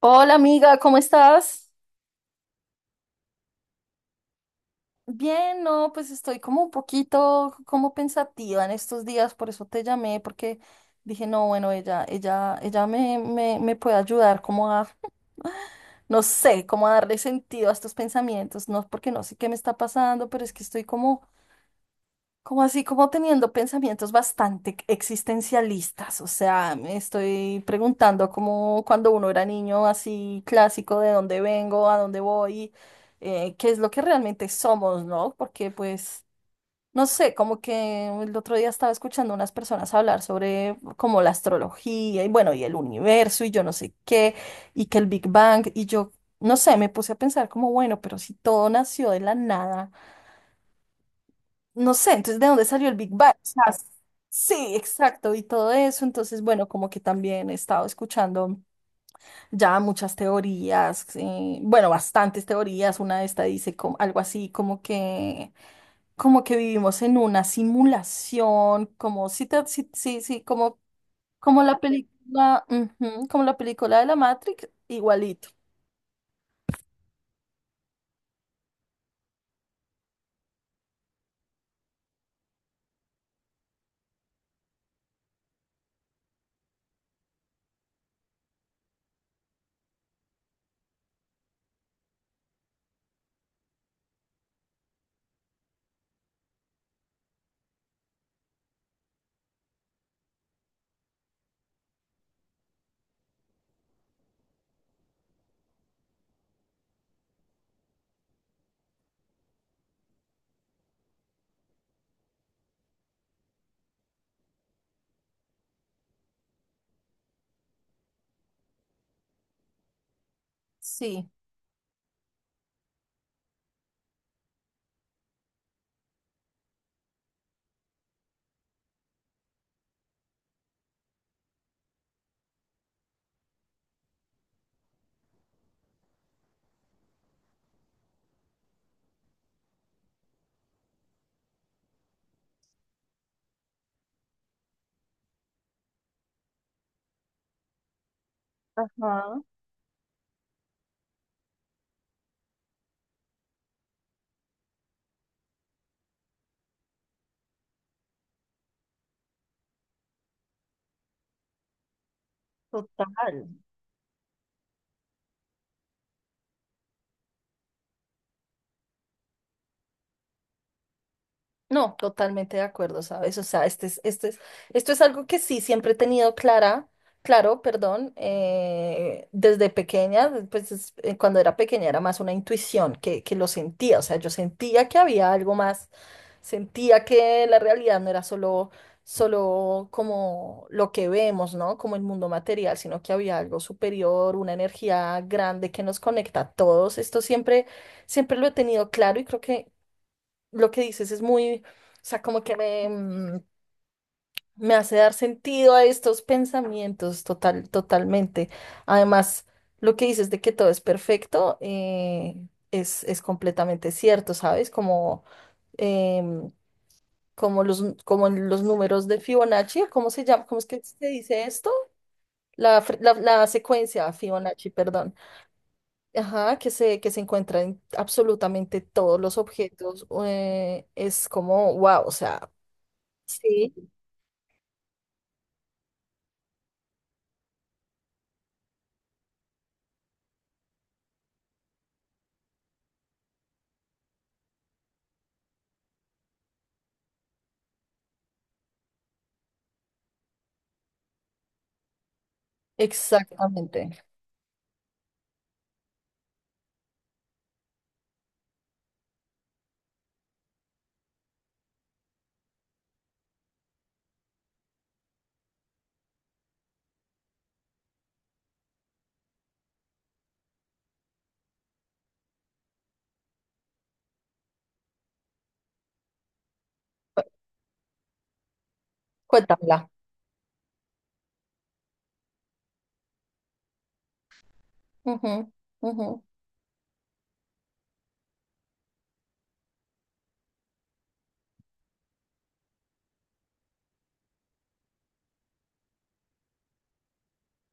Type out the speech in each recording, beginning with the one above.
Hola amiga, ¿cómo estás? Bien, no, pues estoy como un poquito como pensativa en estos días, por eso te llamé, porque dije, no, bueno, ella me puede ayudar como a, no sé, como a darle sentido a estos pensamientos, no, porque no sé qué me está pasando, pero es que estoy como así, como teniendo pensamientos bastante existencialistas. O sea, me estoy preguntando como cuando uno era niño, así clásico: de dónde vengo, a dónde voy, qué es lo que realmente somos, ¿no? Porque pues, no sé, como que el otro día estaba escuchando unas personas hablar sobre como la astrología y bueno, y el universo y yo no sé qué, y que el Big Bang, y yo, no sé, me puse a pensar como, bueno, pero si todo nació de la nada, no sé, entonces, ¿de dónde salió el Big Bang? O sea, sí, exacto, y todo eso. Entonces, bueno, como que también he estado escuchando ya muchas teorías, bueno, bastantes teorías. Una de estas dice algo así como que vivimos en una simulación, como sí, sí, sí, sí, como, como la película, ujú, como la película de la Matrix, igualito. Sí. Ajá, total. No, totalmente de acuerdo, ¿sabes? O sea, este es, esto es algo que sí siempre he tenido clara, claro, perdón, desde pequeña, pues cuando era pequeña era más una intuición que lo sentía, o sea, yo sentía que había algo más, sentía que la realidad no era solo como lo que vemos, ¿no? Como el mundo material, sino que había algo superior, una energía grande que nos conecta a todos. Esto siempre lo he tenido claro, y creo que lo que dices es muy, o sea, como que me hace dar sentido a estos pensamientos, totalmente. Además, lo que dices de que todo es perfecto, es completamente cierto, ¿sabes? Como, em, como los números de Fibonacci, ¿cómo se llama? ¿Cómo es que se dice esto? La secuencia Fibonacci, perdón. Ajá, que se encuentra en absolutamente todos los objetos. Es como, wow, o sea. Sí, exactamente. Cu- Cuéntamela. Ujú, ujú,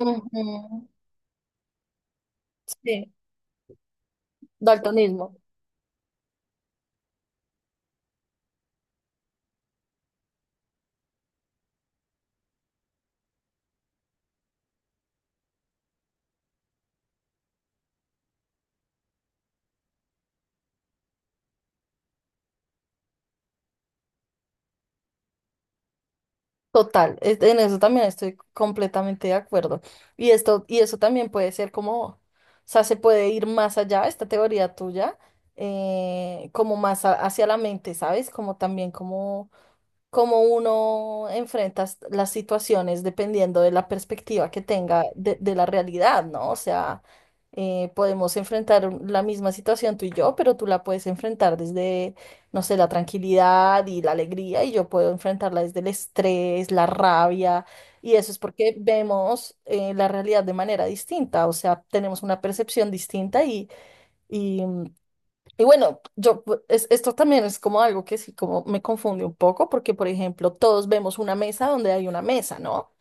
ujú. Sí, daltonismo. Total, en eso también estoy completamente de acuerdo. Y esto, y eso también puede ser como, o sea, se puede ir más allá, esta teoría tuya, como más hacia la mente, ¿sabes? Como también como cómo uno enfrenta las situaciones dependiendo de la perspectiva que tenga de la realidad, ¿no? O sea, podemos enfrentar la misma situación tú y yo, pero tú la puedes enfrentar desde, no sé, la tranquilidad y la alegría, y yo puedo enfrentarla desde el estrés, la rabia, y eso es porque vemos, la realidad de manera distinta, o sea, tenemos una percepción distinta y bueno. Yo, pues, esto también es como algo que sí, como me confunde un poco, porque por ejemplo, todos vemos una mesa donde hay una mesa, ¿no?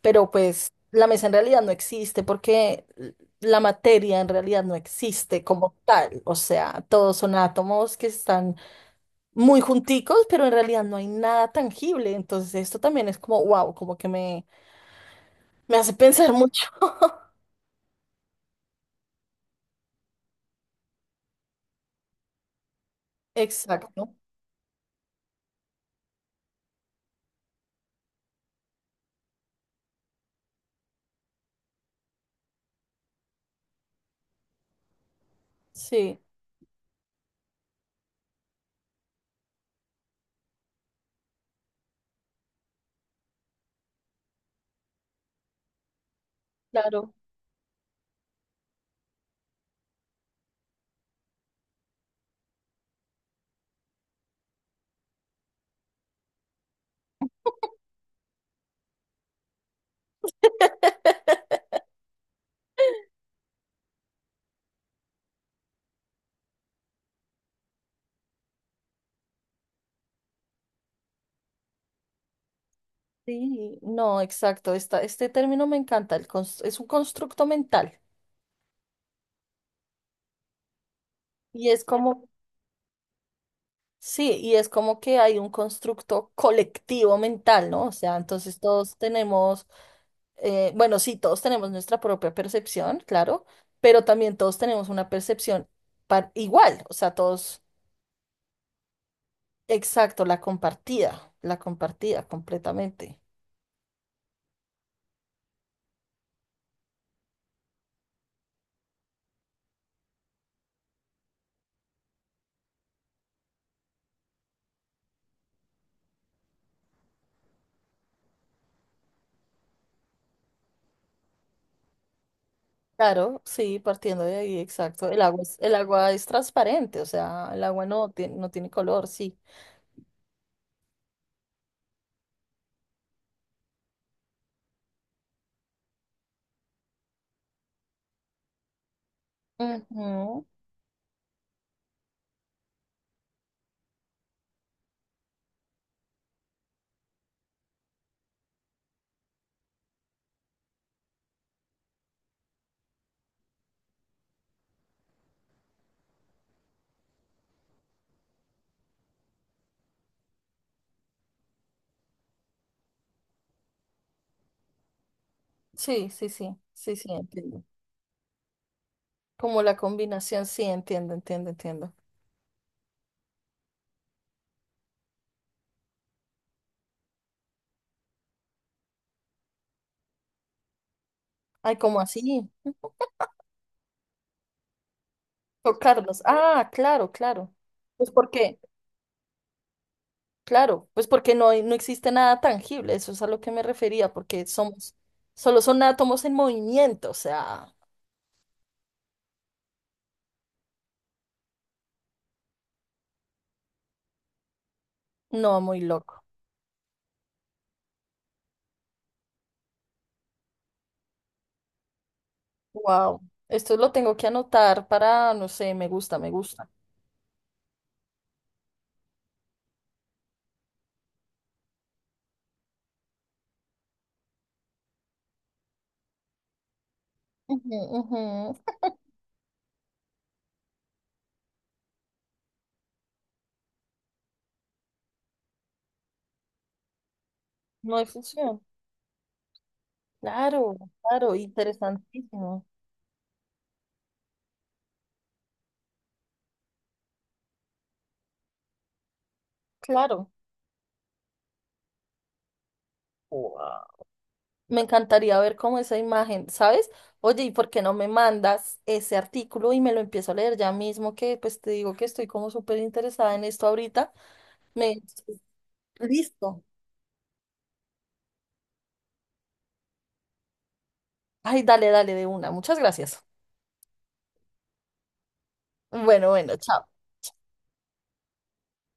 Pero pues la mesa en realidad no existe porque la materia en realidad no existe como tal. O sea, todos son átomos que están muy junticos, pero en realidad no hay nada tangible. Entonces esto también es como, wow, como que me hace pensar mucho. Exacto. Sí, claro. Sí, no, exacto. Esta, este término me encanta. Es un constructo mental. Y es como, sí, y es como que hay un constructo colectivo mental, ¿no? O sea, entonces todos tenemos, bueno, sí, todos tenemos nuestra propia percepción, claro, pero también todos tenemos una percepción igual. O sea, todos, exacto, la compartida completamente. Claro, sí, partiendo de ahí, exacto. El agua es transparente, o sea, el agua no tiene color, sí. Ujú. Sí, sí, sí, sí, sí, entiendo. Como la combinación, sí, entiendo, entiendo, entiendo. Ay, ¿cómo así? Tocarlos. Ah, claro, claro. Pues porque, claro, pues porque no, no existe nada tangible, eso es a lo que me refería, porque somos, solo son átomos en movimiento, o sea, no, muy loco. Wow, esto lo tengo que anotar para, no sé, me gusta, me gusta. Ujú, ujú. No hay función. Claro, claro, interesantísimo. Claro. Wow. Me encantaría ver cómo esa imagen, ¿sabes? Oye, ¿y por qué no me mandas ese artículo y me lo empiezo a leer ya mismo? Que pues te digo que estoy como súper interesada en esto ahorita. Me... Listo. Ay, dale, dale de una. Muchas gracias. Bueno, bueno, chao.